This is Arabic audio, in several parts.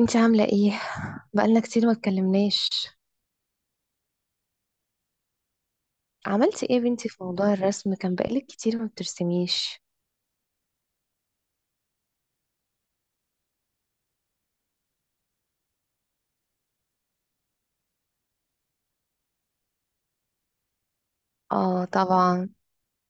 انتي عاملة ايه؟ بقالنا كتير ما اتكلمناش. عملتي ايه يا بنتي في موضوع الرسم، كان بقالك كتير ما بترسميش. اه طبعا.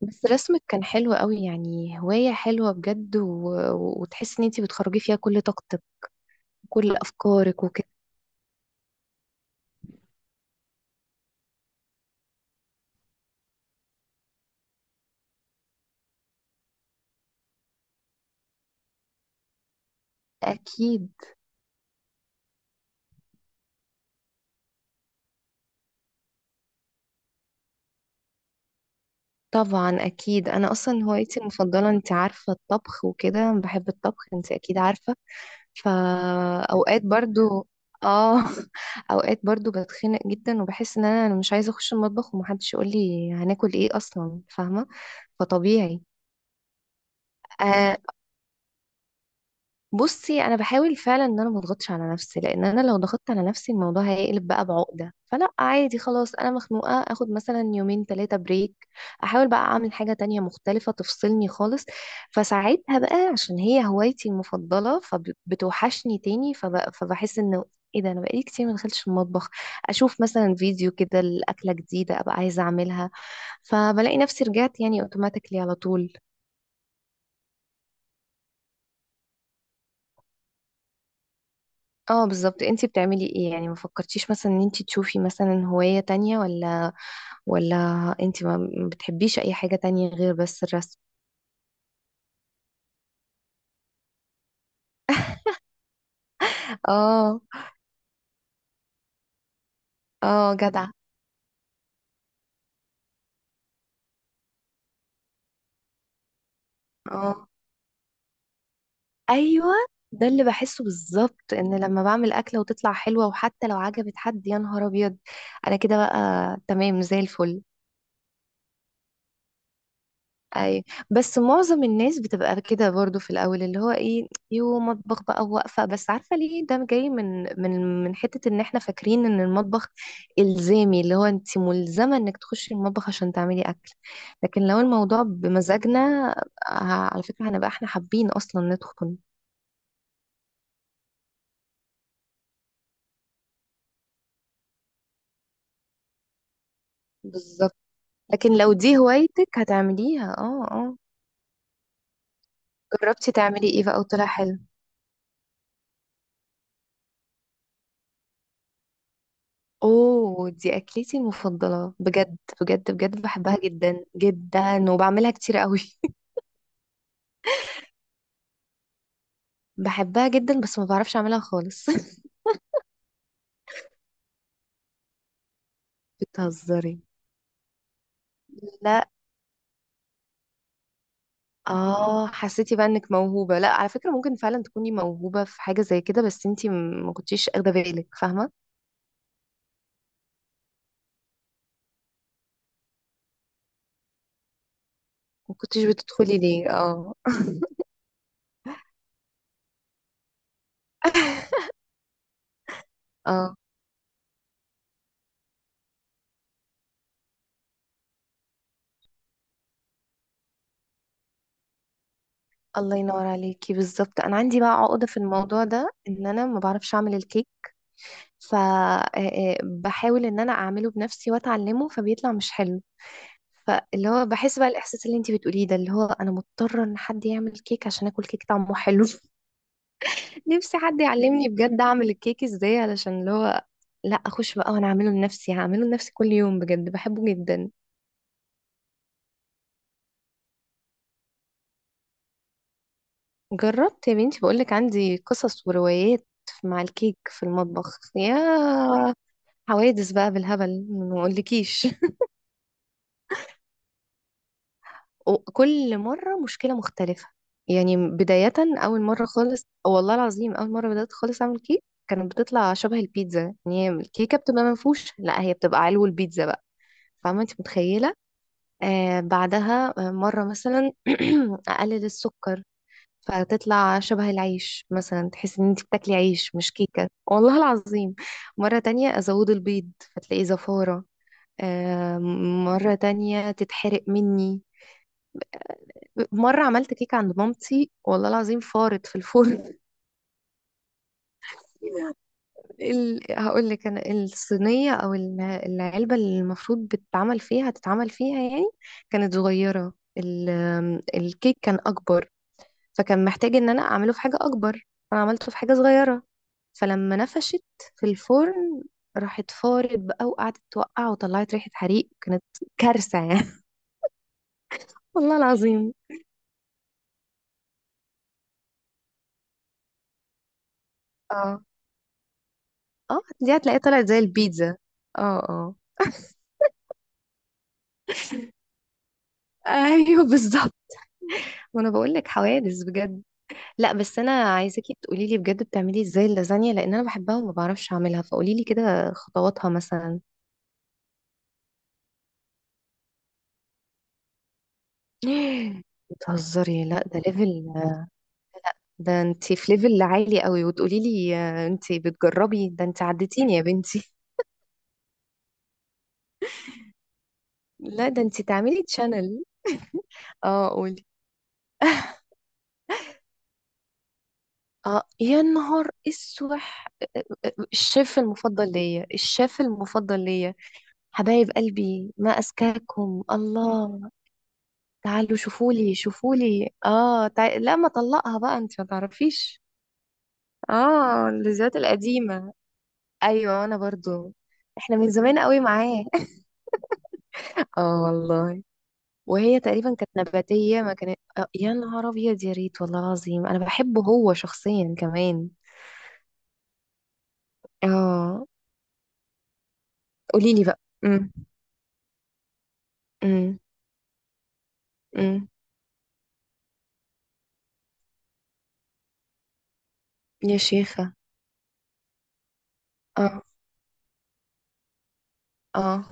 بس رسمك كان حلو قوي، يعني هواية حلوة بجد وتحسي ان انتي بتخرجي فيها كل طاقتك وكل افكارك وكده. اكيد. طبعا اكيد، انا اصلا هوايتي المفضله انت عارفه، الطبخ وكده، بحب الطبخ انت اكيد عارفه. فاوقات برضو اه اوقات برضو بتخنق جدا، وبحس ان انا مش عايزه اخش المطبخ ومحدش يقول لي هناكل ايه اصلا، فاهمه؟ فطبيعي. آه بصي انا بحاول فعلا ان انا ما اضغطش على نفسي، لان انا لو ضغطت على نفسي الموضوع هيقلب بقى بعقده. فلا، عادي، خلاص انا مخنوقه، اخد مثلا يومين ثلاثه بريك. احاول بقى اعمل حاجه تانية مختلفه تفصلني خالص. فساعتها بقى عشان هي هوايتي المفضله فبتوحشني تاني فبحس انه ايه ده، انا بقالي كتير ما دخلتش المطبخ. اشوف مثلا فيديو كده لاكله جديده ابقى عايزه اعملها، فبلاقي نفسي رجعت يعني اوتوماتيكلي على طول. اه بالظبط. انتي بتعملي ايه يعني؟ ما فكرتيش مثلا ان انتي تشوفي مثلا هواية تانية، ولا ولا انتي ما بتحبيش اي حاجة تانية غير بس الرسم؟ اه. اه جدع. اه ايوه، ده اللي بحسه بالظبط، ان لما بعمل اكلة وتطلع حلوة وحتى لو عجبت حد، يا نهار ابيض انا كده بقى تمام زي الفل. اي. بس معظم الناس بتبقى كده برضو في الاول، اللي هو ايه، يو مطبخ بقى واقفه، بس عارفه ليه ده جاي؟ من حته ان احنا فاكرين ان المطبخ الزامي، اللي هو انت ملزمه انك تخشي المطبخ عشان تعملي اكل. لكن لو الموضوع بمزاجنا ه- على فكره هنبقى احنا حابين اصلا ندخل. بالظبط، لكن لو دي هوايتك هتعمليها. اه اه. جربتي تعملي ايه بقى وطلع حلو؟ اوه، دي اكلتي المفضله بجد بجد بجد، بحبها جدا جدا وبعملها كتير قوي. بحبها جدا، بس ما بعرفش اعملها خالص بتهزري؟ لا. اه حسيتي بقى انك موهوبه؟ لا على فكره ممكن فعلا تكوني موهوبه في حاجه زي كده، بس انتي ما كنتيش اخده بالك، فاهمه؟ ما كنتيش بتدخلي ليه؟ اه اه الله ينور عليكي. بالظبط انا عندي بقى عقده في الموضوع ده، ان انا ما بعرفش اعمل الكيك. فبحاول ان انا اعمله بنفسي واتعلمه فبيطلع مش حلو. فاللي هو بحس بقى الاحساس اللي انتي بتقوليه ده، اللي هو انا مضطره ان حد يعمل كيك عشان اكل كيك طعمه حلو نفسي حد يعلمني بجد اعمل الكيك ازاي، علشان اللي هو لا، اخش بقى وانا اعمله لنفسي، هعمله لنفسي كل يوم، بجد بحبه جدا. جربت يا بنتي، بقولك عندي قصص وروايات مع الكيك في المطبخ، يا حوادث بقى بالهبل ما اقولكيش وكل مرة مشكلة مختلفة. يعني بداية، أول مرة خالص، والله العظيم أول مرة بدأت خالص أعمل كيك كانت بتطلع شبه البيتزا. يعني هي الكيكة بتبقى منفوشة، لا هي بتبقى علو البيتزا بقى، فاهمة أنت؟ متخيلة. بعدها مرة مثلا أقلل السكر فتطلع شبه العيش، مثلا تحس ان انت بتاكلي عيش مش كيكة، والله العظيم. مرة تانية أزود البيض فتلاقيه زفارة. آه، مرة تانية تتحرق مني. مرة عملت كيكة عند مامتي، والله العظيم فارت في الفرن هقول لك، انا الصينية او العلبة اللي المفروض بتتعمل فيها هتتعمل فيها يعني، كانت صغيرة. ال... الكيك كان اكبر، فكان محتاج ان انا اعمله في حاجة اكبر، فانا عملته في حاجة صغيرة. فلما نفشت في الفرن راحت فارت بقى وقعدت توقع وطلعت ريحة حريق، كانت كارثة يعني والله العظيم. اه اه، دي هتلاقيها طلعت زي البيتزا. اه اه ايوه بالظبط. وانا بقول لك حوادث بجد. لا بس انا عايزاكي تقولي لي بجد بتعملي ازاي اللازانيا، لان انا بحبها وما بعرفش اعملها، فقولي لي كده خطواتها مثلا. بتهزري! لا ده ليفل، ده انت في ليفل عالي قوي وتقولي لي انت بتجربي، ده انت عديتيني يا بنتي لا ده انت تعملي تشانل اه قولي. اه يا نهار اسوح! الشيف المفضل ليا، الشيف المفضل ليا. حبايب قلبي ما أزكاكم الله. تعالوا شوفولي شوفولي، اه لا ما طلقها بقى، انت ما تعرفيش. اه اللذات القديمة. ايوه انا برضو. احنا من زمان قوي معاه اه والله. وهي تقريبا كانت نباتية، ما كانت. آه يا نهار ابيض، يا ريت، والله العظيم انا بحبه هو شخصيا كمان. اه. قوليلي بقى. امم امم. يا شيخة. اه اه.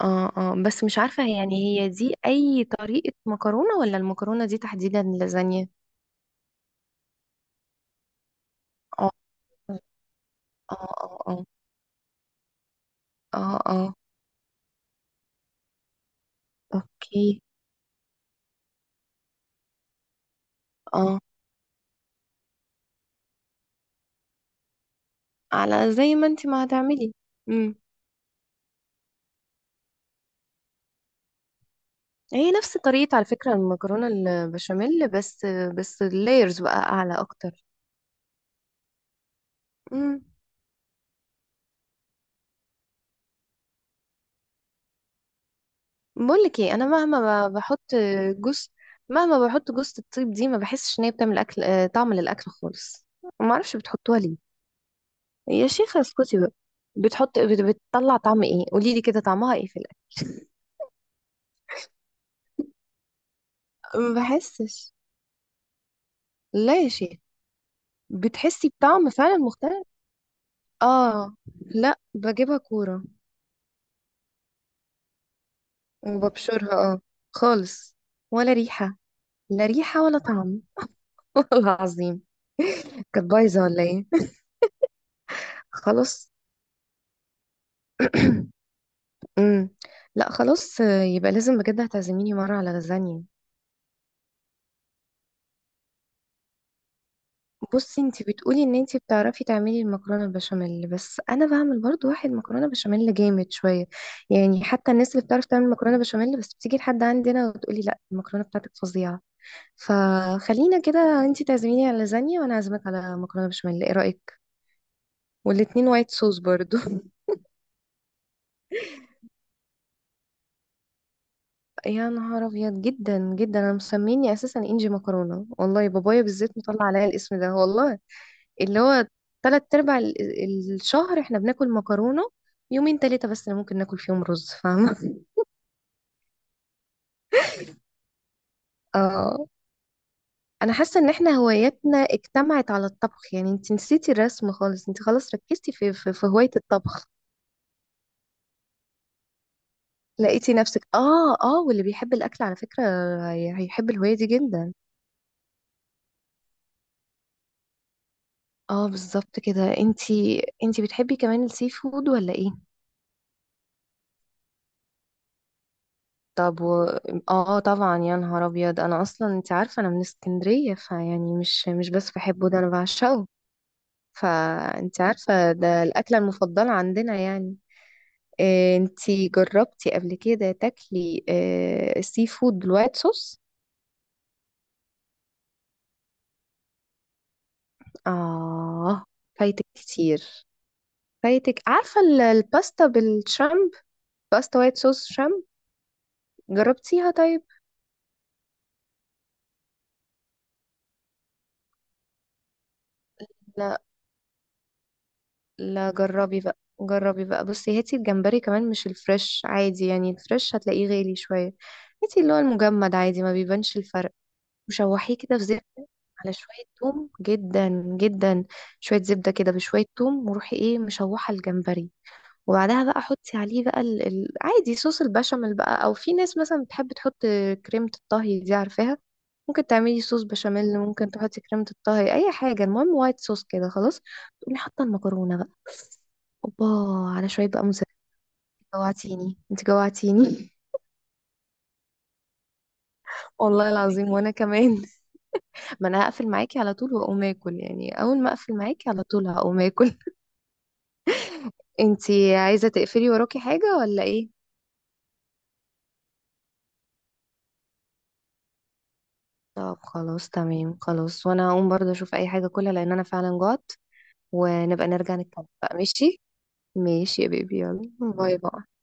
اه اه بس مش عارفة يعني هي دي أي طريقة مكرونة، ولا المكرونة دي تحديدا لازانيا؟ اه اه. اه اه. اه اه. اوكي. اه. على زي ما انت ما هتعملي. امم. هي نفس طريقة على فكرة المكرونة البشاميل، بس بس اللايرز بقى أعلى أكتر. امم. بقولك ايه، أنا مهما بحط جوز، مهما بحط جوز الطيب دي ما بحسش إن هي بتعمل أكل، طعم للأكل خالص. ما أعرفش بتحطوها ليه. يا شيخة اسكتي بقى. بتحط بت- بتطلع طعم ايه؟ قولي لي كده طعمها ايه في الاكل. ما بحسش. لا يا شيخة. بتحسي بطعم فعلا مختلف؟ اه. لا بجيبها كورة وببشرها اه. خالص. ولا ريحة. لا ريحة ولا طعم والله العظيم. كانت بايظة ولا ايه؟ خلاص. أمم. لا خلاص يبقى لازم بجد هتعزميني مرة على لازانيا. بصي، انت بتقولي ان انت بتعرفي تعملي المكرونه البشاميل، بس انا بعمل برضو واحد مكرونه بشاميل جامد شويه. يعني حتى الناس اللي بتعرف تعمل مكرونه بشاميل بس بتيجي لحد عندنا وتقولي لا، المكرونه بتاعتك فظيعه. فخلينا كده، انت تعزميني على لازانيا وانا اعزمك على مكرونه بشاميل، ايه رايك؟ والاتنين وايت صوص برضو يا نهار ابيض، جدا جدا، انا مسميني اساسا انجي مكرونه، والله بابايا بالذات مطلع عليا الاسم ده والله. اللي هو تلات ارباع الشهر احنا بناكل مكرونة، يومين تلاتة بس اللي ممكن ناكل فيهم رز، فاهمة؟ اه. انا حاسة ان احنا هواياتنا اجتمعت على الطبخ، يعني انت نسيتي الرسم خالص، انت خلاص ركزتي في في هواية الطبخ. لقيتي نفسك. اه اه. واللي بيحب الاكل على فكرة هيحب الهواية دي جدا. اه بالظبط كده. انتي انتي بتحبي كمان السي فود ولا ايه؟ طب اه طبعا يا نهار ابيض، انا اصلا انت عارفه انا من اسكندريه، فيعني مش بس بحبه، ده انا بعشقه. فانت عارفة ده الأكلة المفضلة عندنا يعني. انت جربتي قبل كده تاكلي سي فود بالوايت صوص؟ اه فايتك كتير، فايتك، عارفة الباستا بالشرمب، باستا وايت صوص شرمب؟ جربتيها طيب؟ لا. لا جربي بقى، جربي بقى، بصي هاتي الجمبري كمان، مش الفريش، عادي يعني الفريش هتلاقيه غالي شوية، هاتي اللي هو المجمد عادي ما بيبانش الفرق. وشوحيه كده في زبدة على شوية توم، جدا جدا شوية زبدة كده بشوية توم وروحي ايه مشوحة الجمبري. وبعدها بقى حطي عليه بقى عادي صوص البشاميل بقى، او في ناس مثلا بتحب تحط كريمة الطهي دي، عارفاها؟ ممكن تعملي صوص بشاميل، ممكن تحطي كريمة الطهي، اي حاجة، المهم وايت صوص كده خلاص. تقومي حاطة المكرونة بقى، اوبا، على شوية بقى موزاريلا. جوعتيني، انت جوعتيني والله العظيم وانا كمان. ما انا هقفل معاكي على طول واقوم اكل، يعني اول ما اقفل معاكي على طول هقوم اكل انتي عايزه تقفلي وراكي حاجه ولا ايه؟ طب خلاص تمام، خلاص وانا هقوم برضه اشوف اي حاجه اكلها لان انا فعلا جوعت. ونبقى نرجع نتكلم بقى، ماشي. ماشي يا بيبي، يلا باي باي.